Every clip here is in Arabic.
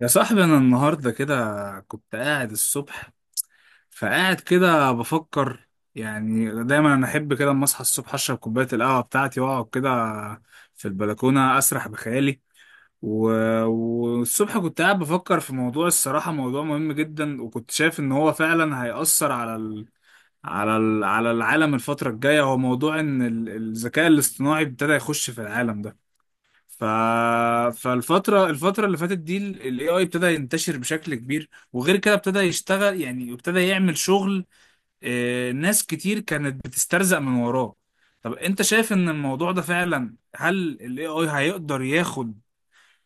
يا صاحبي انا النهارده كده كنت قاعد الصبح فقاعد كده بفكر. يعني دايما انا احب كده اما اصحى الصبح اشرب كوبايه القهوه بتاعتي واقعد كده في البلكونه اسرح بخيالي. و... والصبح كنت قاعد بفكر في موضوع الصراحه، موضوع مهم جدا، وكنت شايف ان هو فعلا هيأثر على على العالم الفتره الجايه. هو موضوع ان الذكاء الاصطناعي ابتدى يخش في العالم ده. ف... فالفترة اللي فاتت دي ال AI ابتدى ينتشر بشكل كبير، وغير كده ابتدى يشتغل، يعني ابتدى يعمل شغل. آه، ناس كتير كانت بتسترزق من وراه. طب انت شايف ان الموضوع ده فعلا، هل ال AI هيقدر ياخد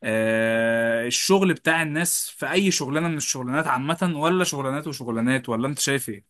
الشغل بتاع الناس في اي شغلانة من الشغلانات عامة، ولا شغلانات وشغلانات، ولا انت شايف ايه؟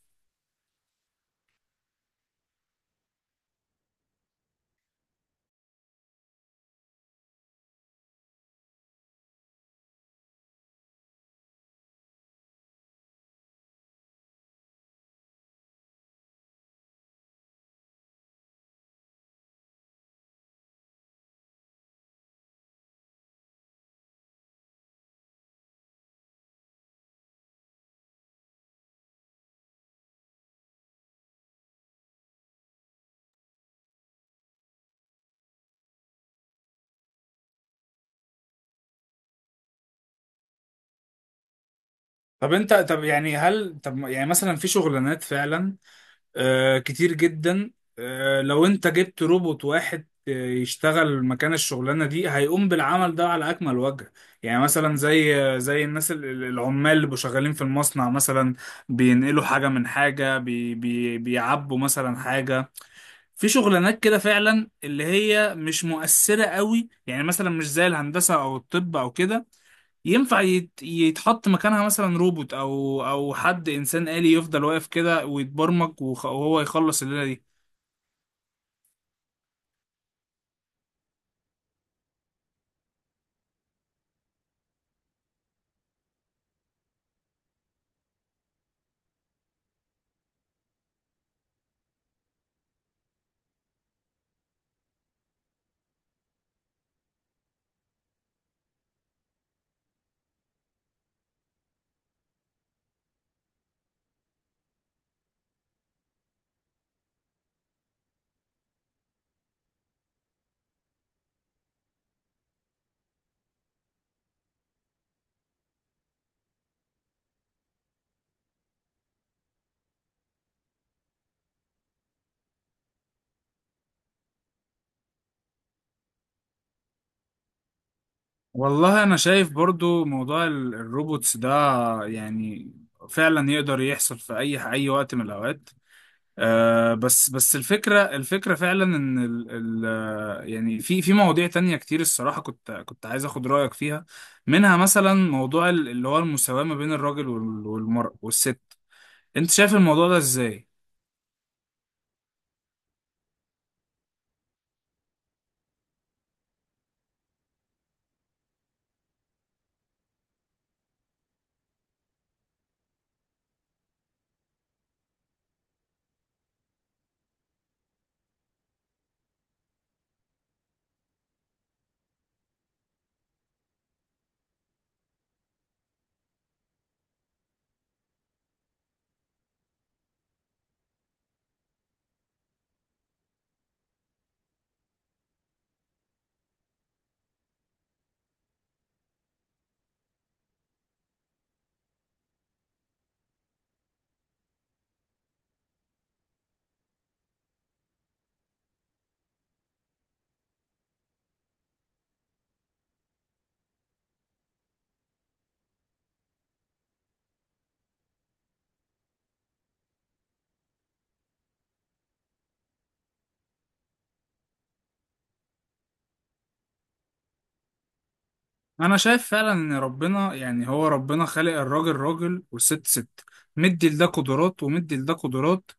طب انت، طب يعني هل، طب يعني مثلا في شغلانات فعلا آه كتير جدا. آه لو انت جبت روبوت واحد يشتغل مكان الشغلانه دي هيقوم بالعمل ده على اكمل وجه. يعني مثلا زي زي الناس العمال اللي بيبقوا شغالين في المصنع مثلا، بينقلوا حاجه من حاجه، بي بي بيعبوا مثلا حاجه. في شغلانات كده فعلا اللي هي مش مؤثره قوي، يعني مثلا مش زي الهندسه او الطب او كده، ينفع يتحط مكانها مثلا روبوت او او حد انسان آلي يفضل واقف كده ويتبرمج، وهو يخلص الليله دي. والله انا شايف برضو موضوع الروبوتس ده يعني فعلا يقدر يحصل في اي وقت من الاوقات. آه، بس الفكره فعلا ان ال ال آه، يعني في في مواضيع تانية كتير الصراحه، كنت عايز اخد رايك فيها. منها مثلا موضوع اللي هو المساواه ما بين الراجل والمرأة والست. انت شايف الموضوع ده ازاي؟ انا شايف فعلا ان ربنا، يعني هو ربنا خالق الراجل راجل والست ست، مدي لده قدرات ومدي لده قدرات.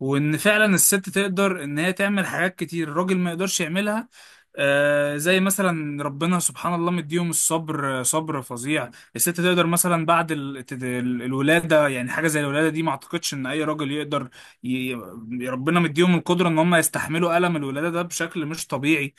وان فعلا الست تقدر ان هي تعمل حاجات كتير الراجل ما يقدرش يعملها. آه زي مثلا ربنا سبحان الله مديهم الصبر، آه، صبر فظيع. الست تقدر مثلا بعد الولادة، يعني حاجة زي الولادة دي ما اعتقدش ان اي راجل يقدر ي... ربنا مديهم القدرة ان هم يستحملوا ألم الولادة ده بشكل مش طبيعي.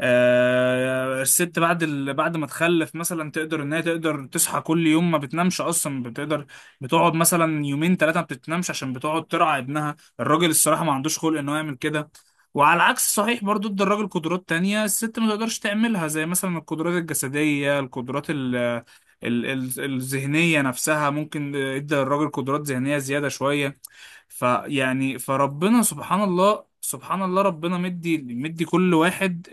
آه، الست بعد بعد ما تخلف مثلا تقدر ان هي تقدر تصحى كل يوم، ما بتنامش اصلا، بتقدر بتقعد مثلا يومين ثلاثه ما بتنامش عشان بتقعد ترعى ابنها. الراجل الصراحه ما عندوش خلق انه يعمل كده. وعلى العكس صحيح برضو، ادى الراجل قدرات تانية الست ما تقدرش تعملها، زي مثلا القدرات الجسدية، القدرات الذهنية نفسها. ممكن ادى الراجل قدرات ذهنية زيادة شوية. فربنا سبحان الله، سبحان الله ربنا مدي مدي كل واحد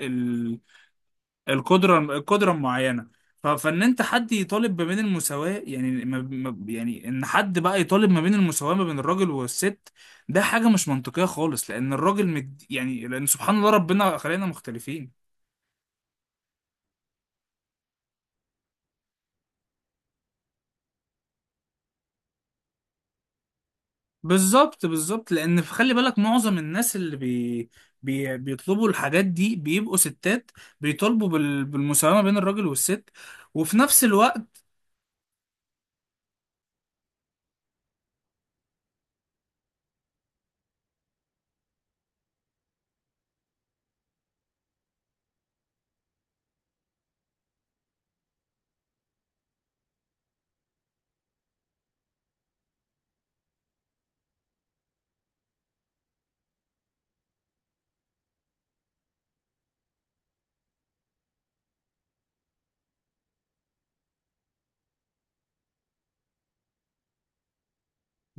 القدره معينه. فان انت، حد يطالب ما بين المساواه، يعني يعني ان حد بقى يطالب ما بين المساواه ما بين الراجل والست، ده حاجه مش منطقيه خالص، لان الراجل مد يعني، لان سبحان الله ربنا خلقنا مختلفين. بالظبط بالظبط، لان خلي بالك معظم الناس اللي بي بي بيطلبوا الحاجات دي بيبقوا ستات، بيطالبوا بالمساواه ما بين الراجل والست. وفي نفس الوقت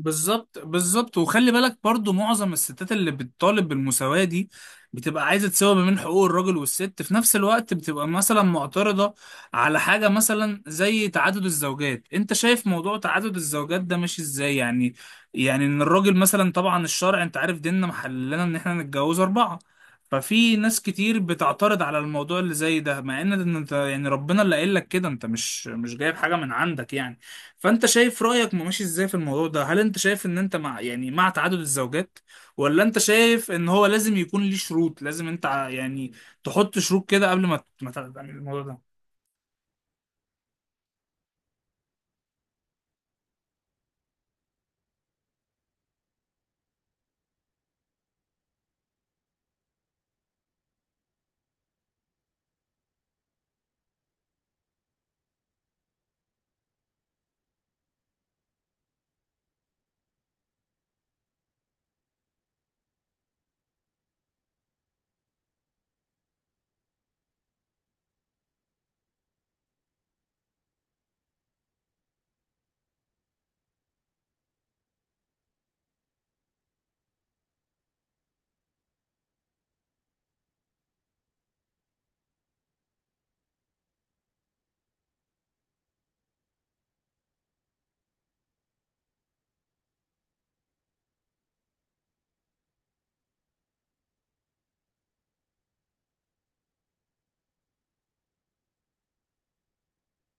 بالظبط بالظبط، وخلي بالك برضو معظم الستات اللي بتطالب بالمساواة دي بتبقى عايزة تساوي ما بين حقوق الراجل والست، في نفس الوقت بتبقى مثلا معترضة على حاجة مثلا زي تعدد الزوجات. انت شايف موضوع تعدد الزوجات ده ماشي ازاي يعني؟ يعني ان الراجل مثلا، طبعا الشرع انت عارف ديننا محللنا ان احنا نتجوز 4. ففي ناس كتير بتعترض على الموضوع اللي زي ده، مع ان انت يعني ربنا اللي قايل لك كده، انت مش جايب حاجة من عندك يعني. فانت شايف رأيك ماشي ازاي في الموضوع ده؟ هل انت شايف ان انت مع، يعني مع تعدد الزوجات؟ ولا انت شايف ان هو لازم يكون ليه شروط، لازم انت يعني تحط شروط كده قبل ما ما تعمل الموضوع ده.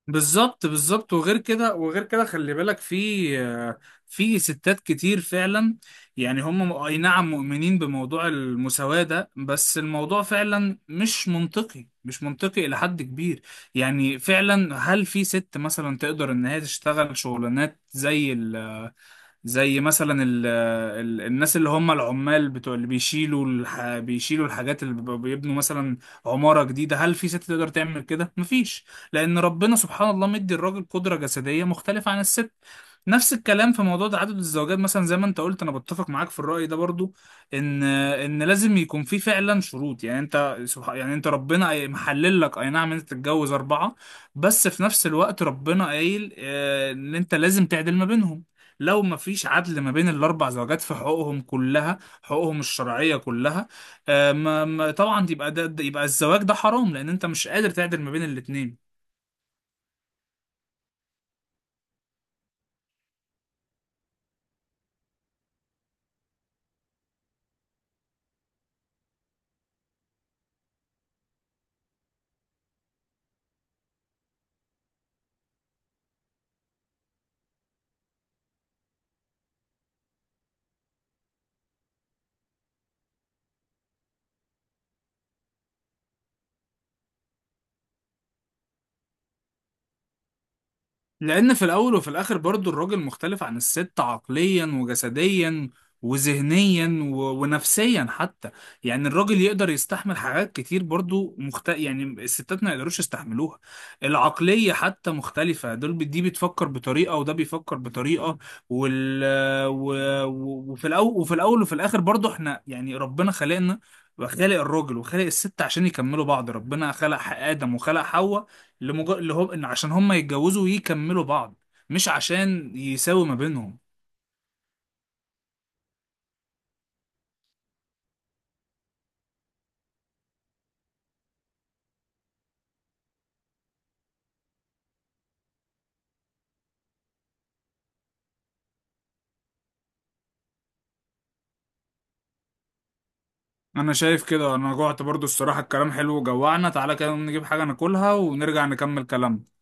بالظبط بالظبط، وغير كده وغير كده، خلي بالك في في ستات كتير فعلا يعني هم اي نعم مؤمنين بموضوع المساواة ده، بس الموضوع فعلا مش منطقي، مش منطقي إلى حد كبير. يعني فعلا هل في ست مثلا تقدر إن هي تشتغل شغلانات زي زي مثلا ال ال الناس اللي هم العمال بتوع اللي بيشيلوا الح بيشيلوا الحاجات، اللي بيبقوا بيبنوا مثلا عمارة جديدة؟ هل في ست تقدر تعمل كده؟ مفيش. لأن ربنا سبحان الله مدي الراجل قدرة جسدية مختلفة عن الست. نفس الكلام في موضوع تعدد الزوجات، مثلا زي ما انت قلت انا بتفق معاك في الرأي ده برضو، ان ان لازم يكون في فعلا شروط. يعني انت سبحان، يعني انت ربنا محلل لك اي نعم انت تتجوز 4، بس في نفس الوقت ربنا قايل، آه، ان انت لازم تعدل ما بينهم. لو ما فيش عدل ما بين ال4 زوجات في حقوقهم كلها، حقوقهم الشرعيه كلها، آه، طبعا يبقى يبقى الزواج ده حرام، لان انت مش قادر تعدل ما بين الاتنين. لأن في الأول وفي الآخر برضو الراجل مختلف عن الست عقليا وجسديا وذهنيا ونفسيا حتى. يعني الراجل يقدر يستحمل حاجات كتير برضو يعني الستات ما يقدروش يستحملوها. العقلية حتى مختلفة، دي بتفكر بطريقة وده بيفكر بطريقة. وال... و... وفي الأول وفي الآخر برضو احنا يعني ربنا خلقنا، وخلق الراجل وخلق الست عشان يكملوا بعض. ربنا خلق آدم وخلق حواء اللي هم ان عشان هم يتجوزوا ويكملوا بعض، مش عشان يساوي ما بينهم. انا شايف كده، انا جوعت برضو الصراحة. الكلام حلو وجوعنا، تعالى كده نجيب حاجة ناكلها ونرجع نكمل كلامنا.